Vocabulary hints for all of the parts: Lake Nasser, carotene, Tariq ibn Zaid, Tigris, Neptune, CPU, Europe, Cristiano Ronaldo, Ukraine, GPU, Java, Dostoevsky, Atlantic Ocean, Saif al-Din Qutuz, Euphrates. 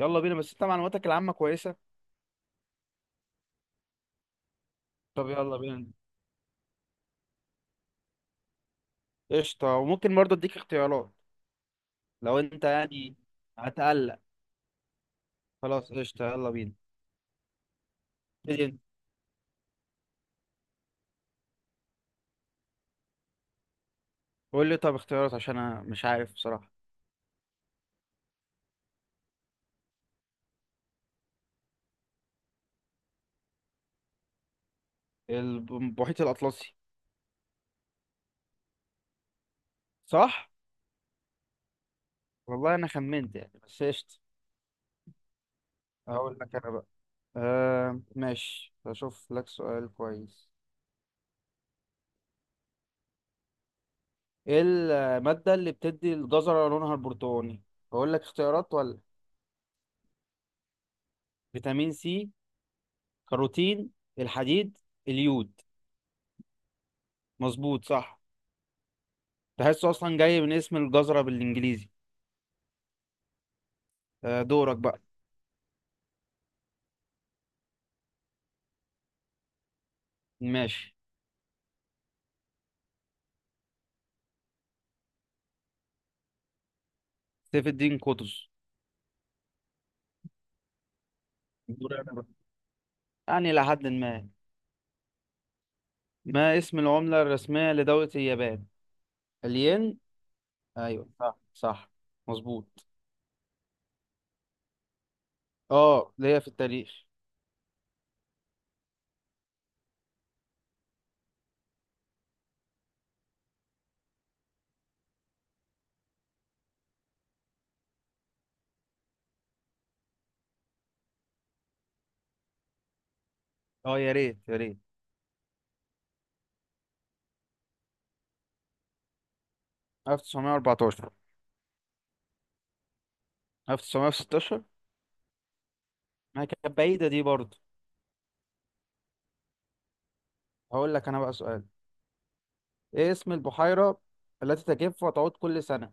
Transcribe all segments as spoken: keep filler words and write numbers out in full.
يلا بينا، بس انت معلوماتك العامة كويسة. طب يلا بينا. قشطة. وممكن برضه اديك اختيارات. لو انت يعني هتقلق، خلاص قشطة يلا بينا. ابتدي انت. قول لي طب اختيارات عشان انا مش عارف بصراحة. الب- المحيط الأطلسي. صح؟ والله انا خمنت يعني، بس قشطة. هقول لك انا بقى. آه ماشي، هشوف لك سؤال كويس. ايه المادة اللي بتدي الجزرة لونها البرتقاني؟ هقول لك اختيارات ولا؟ فيتامين سي، كاروتين، الحديد، اليود. مظبوط صح. تحسه اصلا جاي من اسم الجزرة بالانجليزي. آه، دورك بقى. ماشي. سيف الدين قطز. دوري أنا بقى. يعني لحد ما ما اسم العملة الرسمية لدولة اليابان؟ الين. ايوه صح صح، مظبوط. اه ليا في التاريخ. اه يا ريت يا ريت. ألف وتسعمية واربعتاشر ألف وتسعمية وستاشر. ما كانت بعيدة دي برضه. هقول لك انا بقى سؤال. ايه اسم البحيرة التي تجف وتعود كل سنة؟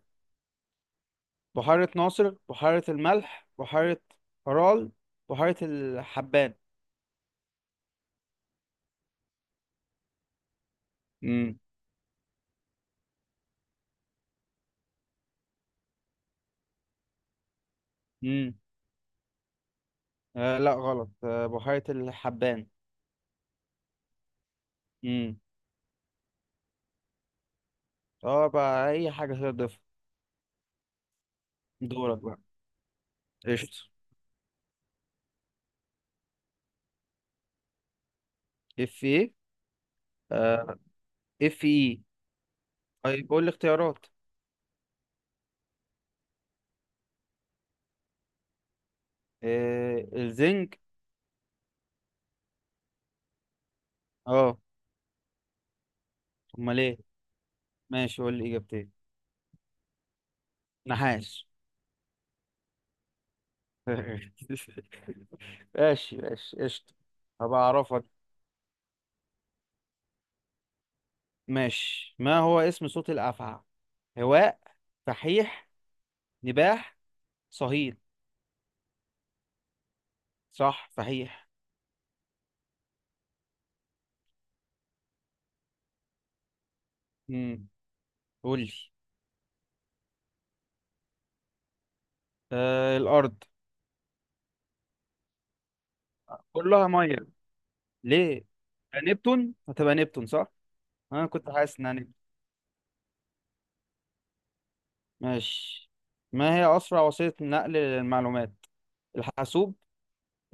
بحيرة ناصر، بحيرة الملح، بحيرة فرال، بحيرة الحبان. امم. امم. آه لا غلط، آه بحيرة الحبان. امم. اه بقى اي حاجة تقدر تضيفها. دورك بقى. قشطة. اف ايه. آه. اف ايه. طيب قول لي اختيارات. آه الزنج. اه. امال ايه؟ ماشي قول لي اجابتين. نحاس. ماشي ماشي قشطة. هبقى اعرفك. ماشي. ما هو اسم صوت الافعى؟ هواء، فحيح، نباح، صهيل. صح فحيح. امم. قول لي. آه الارض. كلها ميه، ليه؟ نبتون، هتبقى نبتون صح. انا كنت حاسس انها نبتون. ماشي. ما هي اسرع وسيله نقل للمعلومات؟ الحاسوب،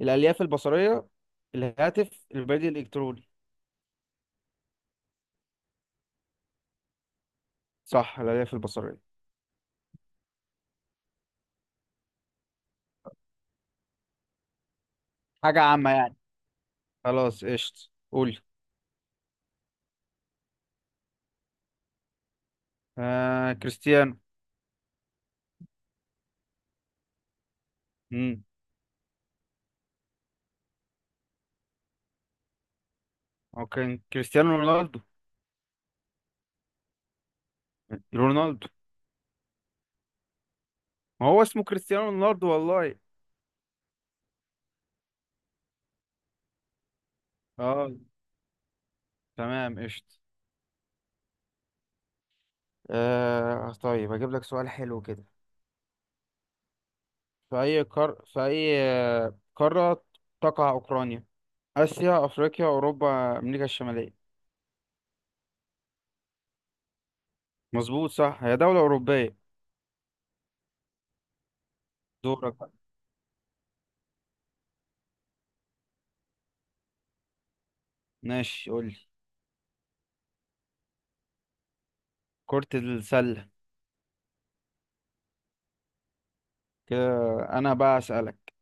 الالياف البصريه، الهاتف، البريد الالكتروني. صح الالياف البصريه. حاجه عامه يعني. خلاص قشط قول. آه كريستيانو. امم. اوكي كريستيانو رونالدو. رونالدو. ما هو اسمه كريستيانو رونالدو والله. اه تمام قشط. آه طيب اجيب لك سؤال حلو كده. في أي قار في أي آه، قارة تقع أوكرانيا؟ آسيا، أفريقيا، أوروبا، أمريكا الشمالية. مظبوط صح، هي دولة أوروبية. دورك بقى. ماشي قولي. كرة السلة. كده أنا بقى أسألك.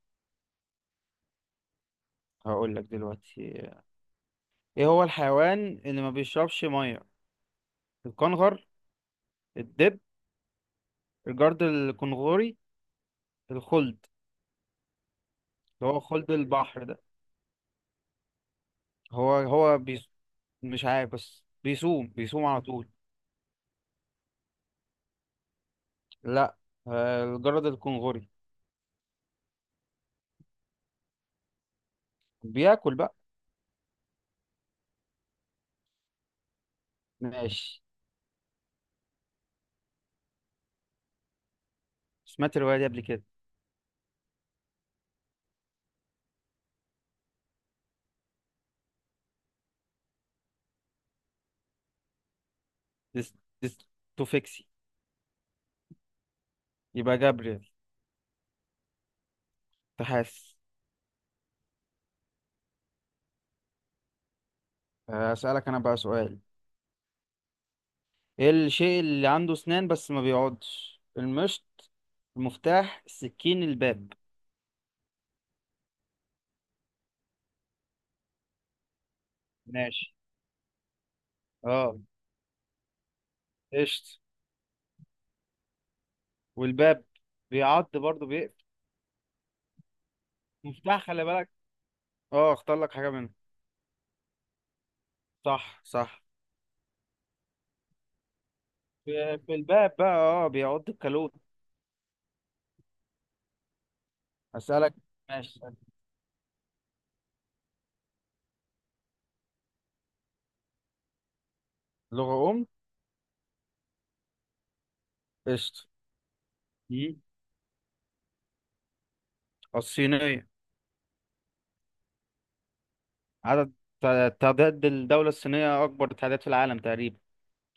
هقولك دلوقتي. إيه هو الحيوان اللي ما بيشربش مية؟ الكنغر، الدب، الجرد الكنغوري، الخلد. اللي هو خلد البحر ده. هو هو بيس... مش عارف بس بيصوم بيصوم على طول. لا، آه، الجرد الكنغوري. بياكل بقى. ماشي. سمعت الرواية دي قبل كده. ديس... ديستوفيكسي. يبقى جابريل. تحاس. أسألك أنا بقى سؤال. إيه الشيء اللي عنده أسنان بس ما بيقعدش؟ المشط، المفتاح، السكين، الباب. ماشي. اه قشط. والباب بيعض برضه، بيقفل. مفتاح خلي بالك. اه اختار لك حاجة منهم. صح صح. في في الباب بقى، اه بيعض الكالوت. أسألك. ماشي. لغة أم. قشط. مم. الصينية. عدد، تعداد الدولة الصينية أكبر تعداد في العالم تقريبا.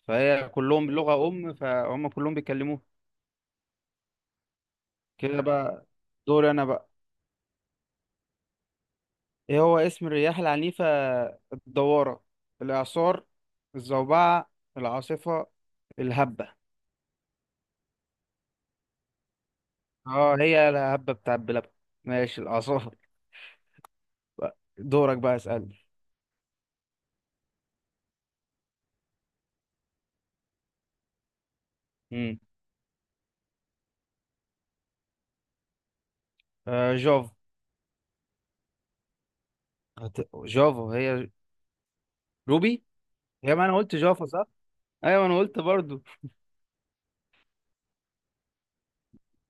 فهي كلهم لغة أم، فهم كلهم بيتكلموها. كده بقى. دوري أنا بقى. إيه هو اسم الرياح العنيفة؟ الدوارة، الإعصار، الزوبعة، العاصفة، الهبة. اه هي الهبة بتاع بلبن. ماشي الإعصار بقى. دورك بقى اسألني. امم. آه جافا. هت- جافا هي. روبي. هي ما أنا قلت جافا صح؟ أيوة أنا قلت برضو.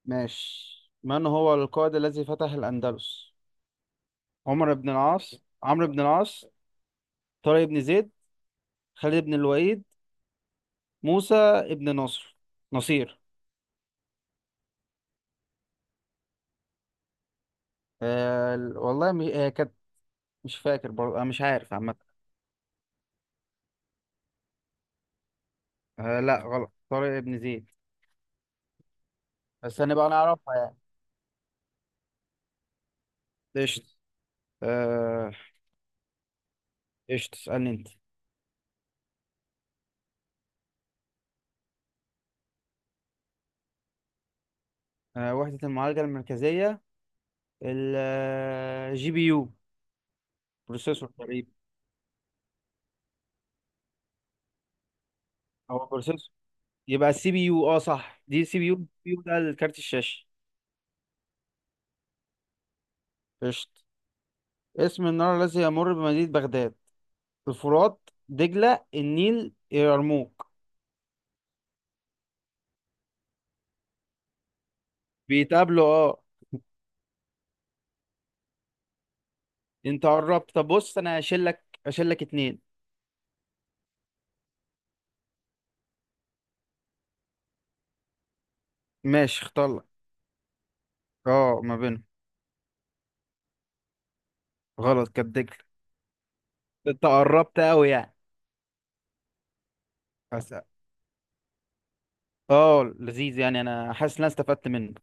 ماشي. من هو القائد الذي فتح الأندلس؟ عمر بن العاص، عمرو بن العاص، طارق بن زيد، خالد بن الوليد، موسى بن نصر، نصير. آه ال- والله م- هي كانت مش فاكر برضه، أنا مش عارف عامة. آه لا غلط، طارق بن زيد. بس هنبقى نعرفها يعني. قشطة. آه، قشطة اسألني أنت. آه وحدة المعالجة المركزية. الجي بي يو. بروسيسور تقريبا. هو بروسيسور. يبقى السي بي يو، اه صح دي سي بي يو، السي بي يو ده الكارت الشاشة. قشط. اسم النهر الذي يمر بمدينة بغداد؟ الفرات، دجلة، النيل، يرموك. بيتقابلوا اه. انت قربت. طب بص انا هشيل لك هشيل لك اتنين. ماشي اختار لك. اه ما بينهم. غلط، كانت دجلة. انت قربت قوي يعني. أس- اه لذيذ يعني، انا حاسس ان انا استفدت منه.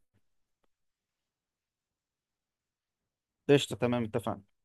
قشطة تمام اتفقنا.